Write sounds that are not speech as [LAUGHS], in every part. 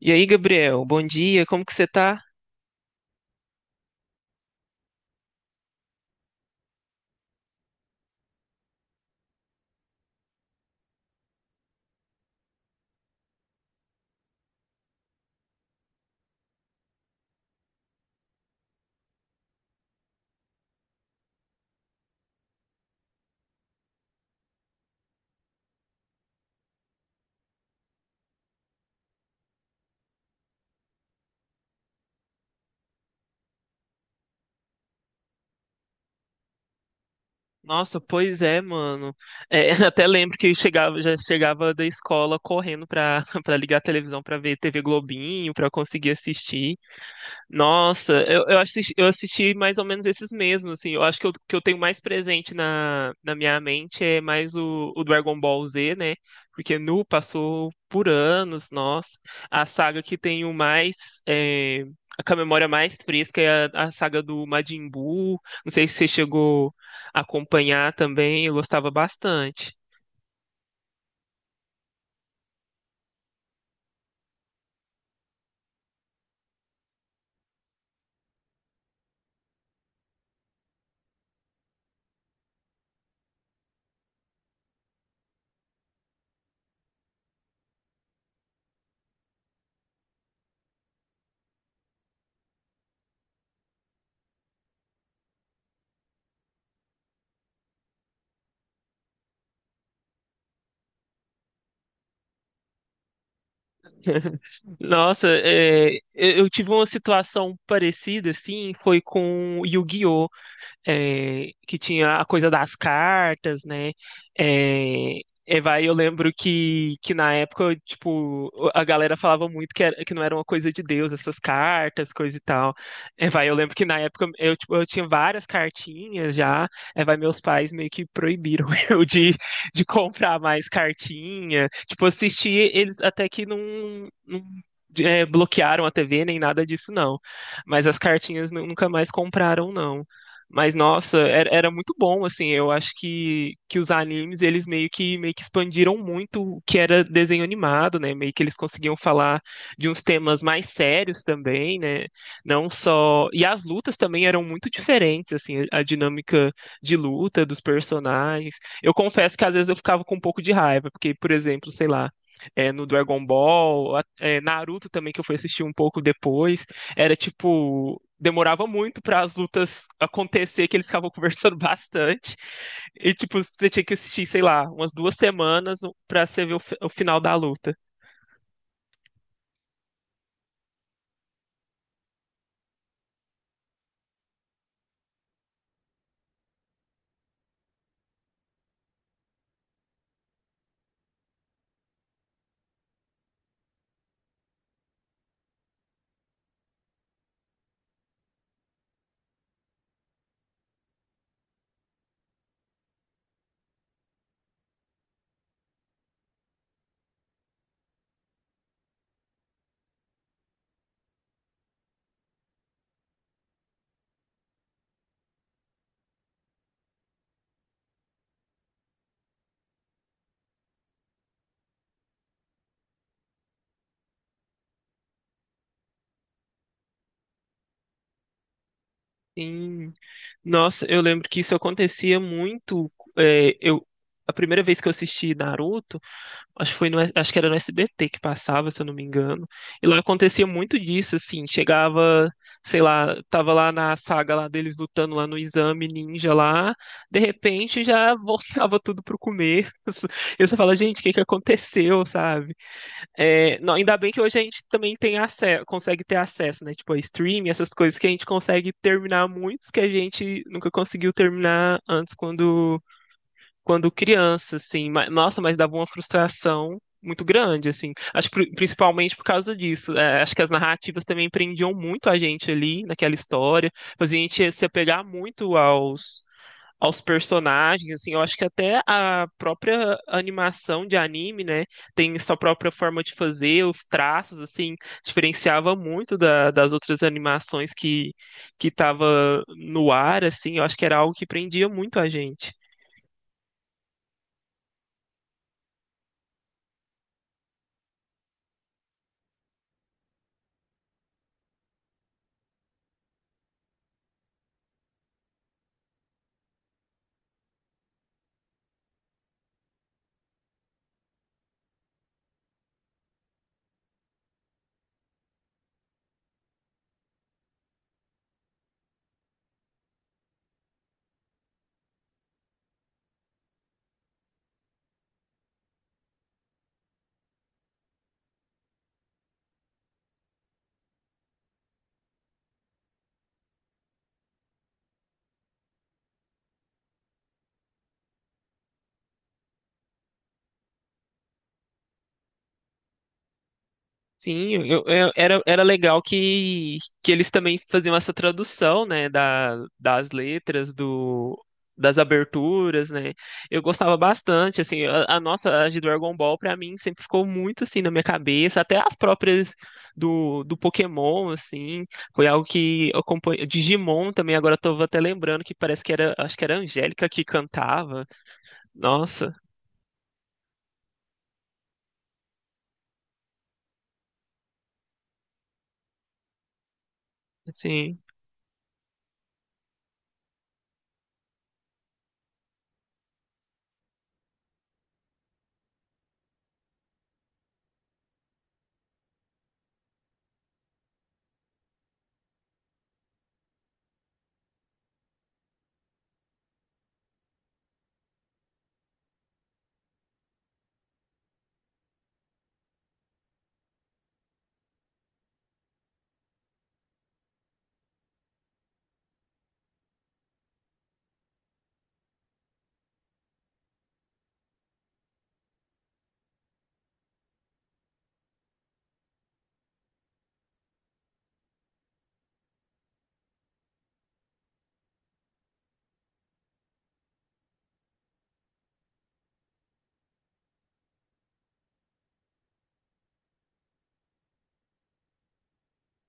E aí, Gabriel, bom dia, como que você tá? Nossa, pois é, mano. [LAUGHS] Até lembro que eu chegava, já chegava da escola correndo [LAUGHS] pra ligar a televisão pra ver TV Globinho, pra conseguir assistir. Nossa, eu assisti, eu assisti mais ou menos esses mesmos, assim. Eu acho que eu tenho mais presente na minha mente é mais o Dragon Ball Z, né? Porque Nu passou por anos, nossa. A saga que tenho mais, é, a com a memória mais fresca é a saga do Majin Buu. Não sei se você chegou a acompanhar também, eu gostava bastante. [LAUGHS] Nossa, é, eu tive uma situação parecida, assim, foi com Yu-Gi-Oh! É, que tinha a coisa das cartas, né? É, é, vai, eu lembro que na época, tipo, a galera falava muito que, que não era uma coisa de Deus, essas cartas, coisa e tal. É, vai, eu lembro que na época eu, tipo, eu tinha várias cartinhas já. É, vai, meus pais meio que proibiram [LAUGHS] eu de comprar mais cartinha. Tipo, assistir, eles até que não, bloquearam a TV nem nada disso, não. Mas as cartinhas nunca mais compraram, não. Mas nossa, era muito bom, assim, eu acho que os animes, eles meio que expandiram muito o que era desenho animado, né? Meio que eles conseguiam falar de uns temas mais sérios também, né? Não só... E as lutas também eram muito diferentes, assim, a dinâmica de luta dos personagens. Eu confesso que às vezes eu ficava com um pouco de raiva, porque, por exemplo, sei lá, é, no Dragon Ball, é, Naruto também, que eu fui assistir um pouco depois, era tipo demorava muito para as lutas acontecer, que eles ficavam [LAUGHS] conversando bastante. E, tipo, você tinha que assistir, sei lá, umas duas semanas para você ver o, o final da luta. Sim. Nossa, eu lembro que isso acontecia muito. É, eu, a primeira vez que eu assisti Naruto. Acho que foi no, acho que era no SBT que passava, se eu não me engano. E lá acontecia muito disso, assim, chegava, sei lá, tava lá na saga lá deles lutando lá no exame ninja lá, de repente já [LAUGHS] voltava tudo pro começo. [LAUGHS] E você fala, gente, o que que aconteceu, sabe? É, não, ainda bem que hoje a gente também tem acesso, consegue ter acesso, né? Tipo, a stream, essas coisas que a gente consegue terminar muitos que a gente nunca conseguiu terminar antes quando criança, assim. Nossa, mas dava uma frustração muito grande, assim. Acho que principalmente por causa disso. É, acho que as narrativas também prendiam muito a gente ali naquela história, fazia a gente se apegar muito aos personagens, assim. Eu acho que até a própria animação de anime, né, tem sua própria forma de fazer, os traços, assim, diferenciava muito das outras animações que estava no ar, assim. Eu acho que era algo que prendia muito a gente. Sim, era, era legal que eles também faziam essa tradução, né, das letras, do, das aberturas, né? Eu gostava bastante, assim, a nossa, a de Dragon Ball, pra mim, sempre ficou muito, assim, na minha cabeça, até as próprias do Pokémon, assim, foi algo que eu acompanhei, Digimon também, agora eu tô até lembrando que parece que era, acho que era a Angélica que cantava, nossa, assim...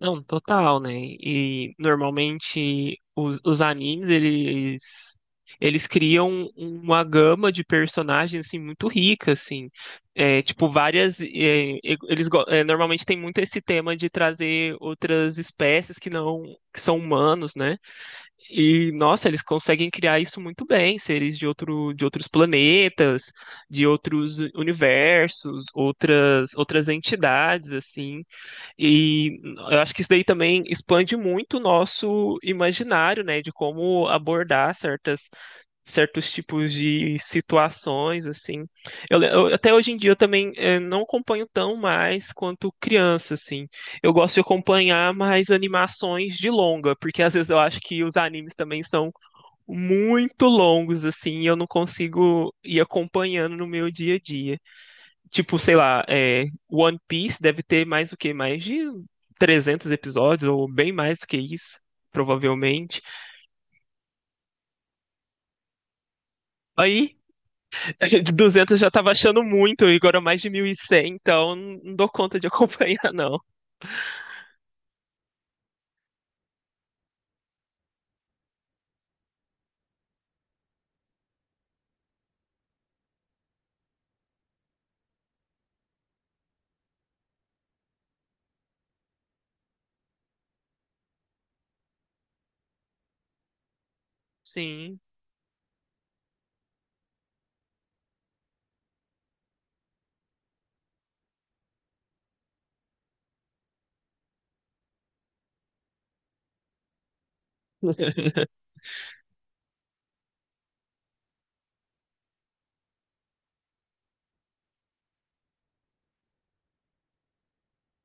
Não, total, né? E normalmente os animes, eles criam uma gama de personagens, assim, muito rica, assim. É, tipo, várias... é, normalmente tem muito esse tema de trazer outras espécies que não... que são humanos, né? E, nossa, eles conseguem criar isso muito bem. Seres de outro, de outros planetas, de outros universos, outras, outras entidades, assim. E eu acho que isso daí também expande muito o nosso imaginário, né, de como abordar certas, certos tipos de situações, assim. Até hoje em dia eu também eh, não acompanho tão mais quanto criança, assim. Eu gosto de acompanhar mais animações de longa, porque às vezes eu acho que os animes também são muito longos, assim, e eu não consigo ir acompanhando no meu dia a dia. Tipo, sei lá, é, One Piece deve ter mais o quê? Mais de 300 episódios, ou bem mais do que isso, provavelmente. Aí, [LAUGHS] de 200 já tava achando muito, e agora mais de 1.100, então não dou conta de [LAUGHS] acompanhar, não. Sim.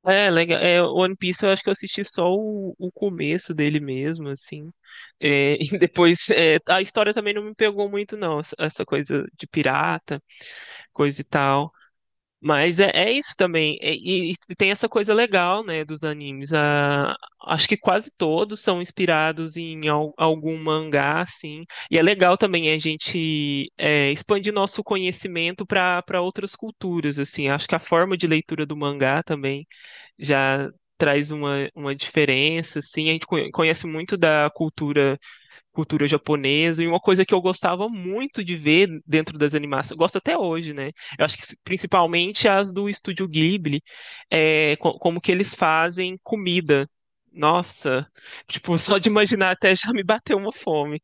É, legal. É, One Piece eu acho que eu assisti só o começo dele mesmo, assim. É, [LAUGHS] e depois, é, a história também não me pegou muito, não. Essa coisa de pirata, coisa e tal. Mas é, é isso também. E, e tem essa coisa legal, né, dos animes. Ah, acho que quase todos são inspirados em algum mangá, assim. E é legal também a gente é, expandir nosso conhecimento para outras culturas, assim. Acho que a forma de leitura do mangá também já traz uma diferença, assim. A gente conhece muito da cultura japonesa, e uma coisa que eu gostava muito de ver dentro das animações, gosto até hoje, né? Eu acho que principalmente as do Estúdio Ghibli, é, como que eles fazem comida. Nossa, tipo, só de imaginar até já me bateu uma fome.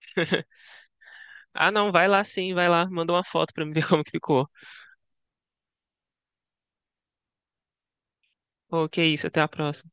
[LAUGHS] Ah, não, vai lá sim, vai lá, manda uma foto pra me ver como que ficou. Ok, isso, até a próxima.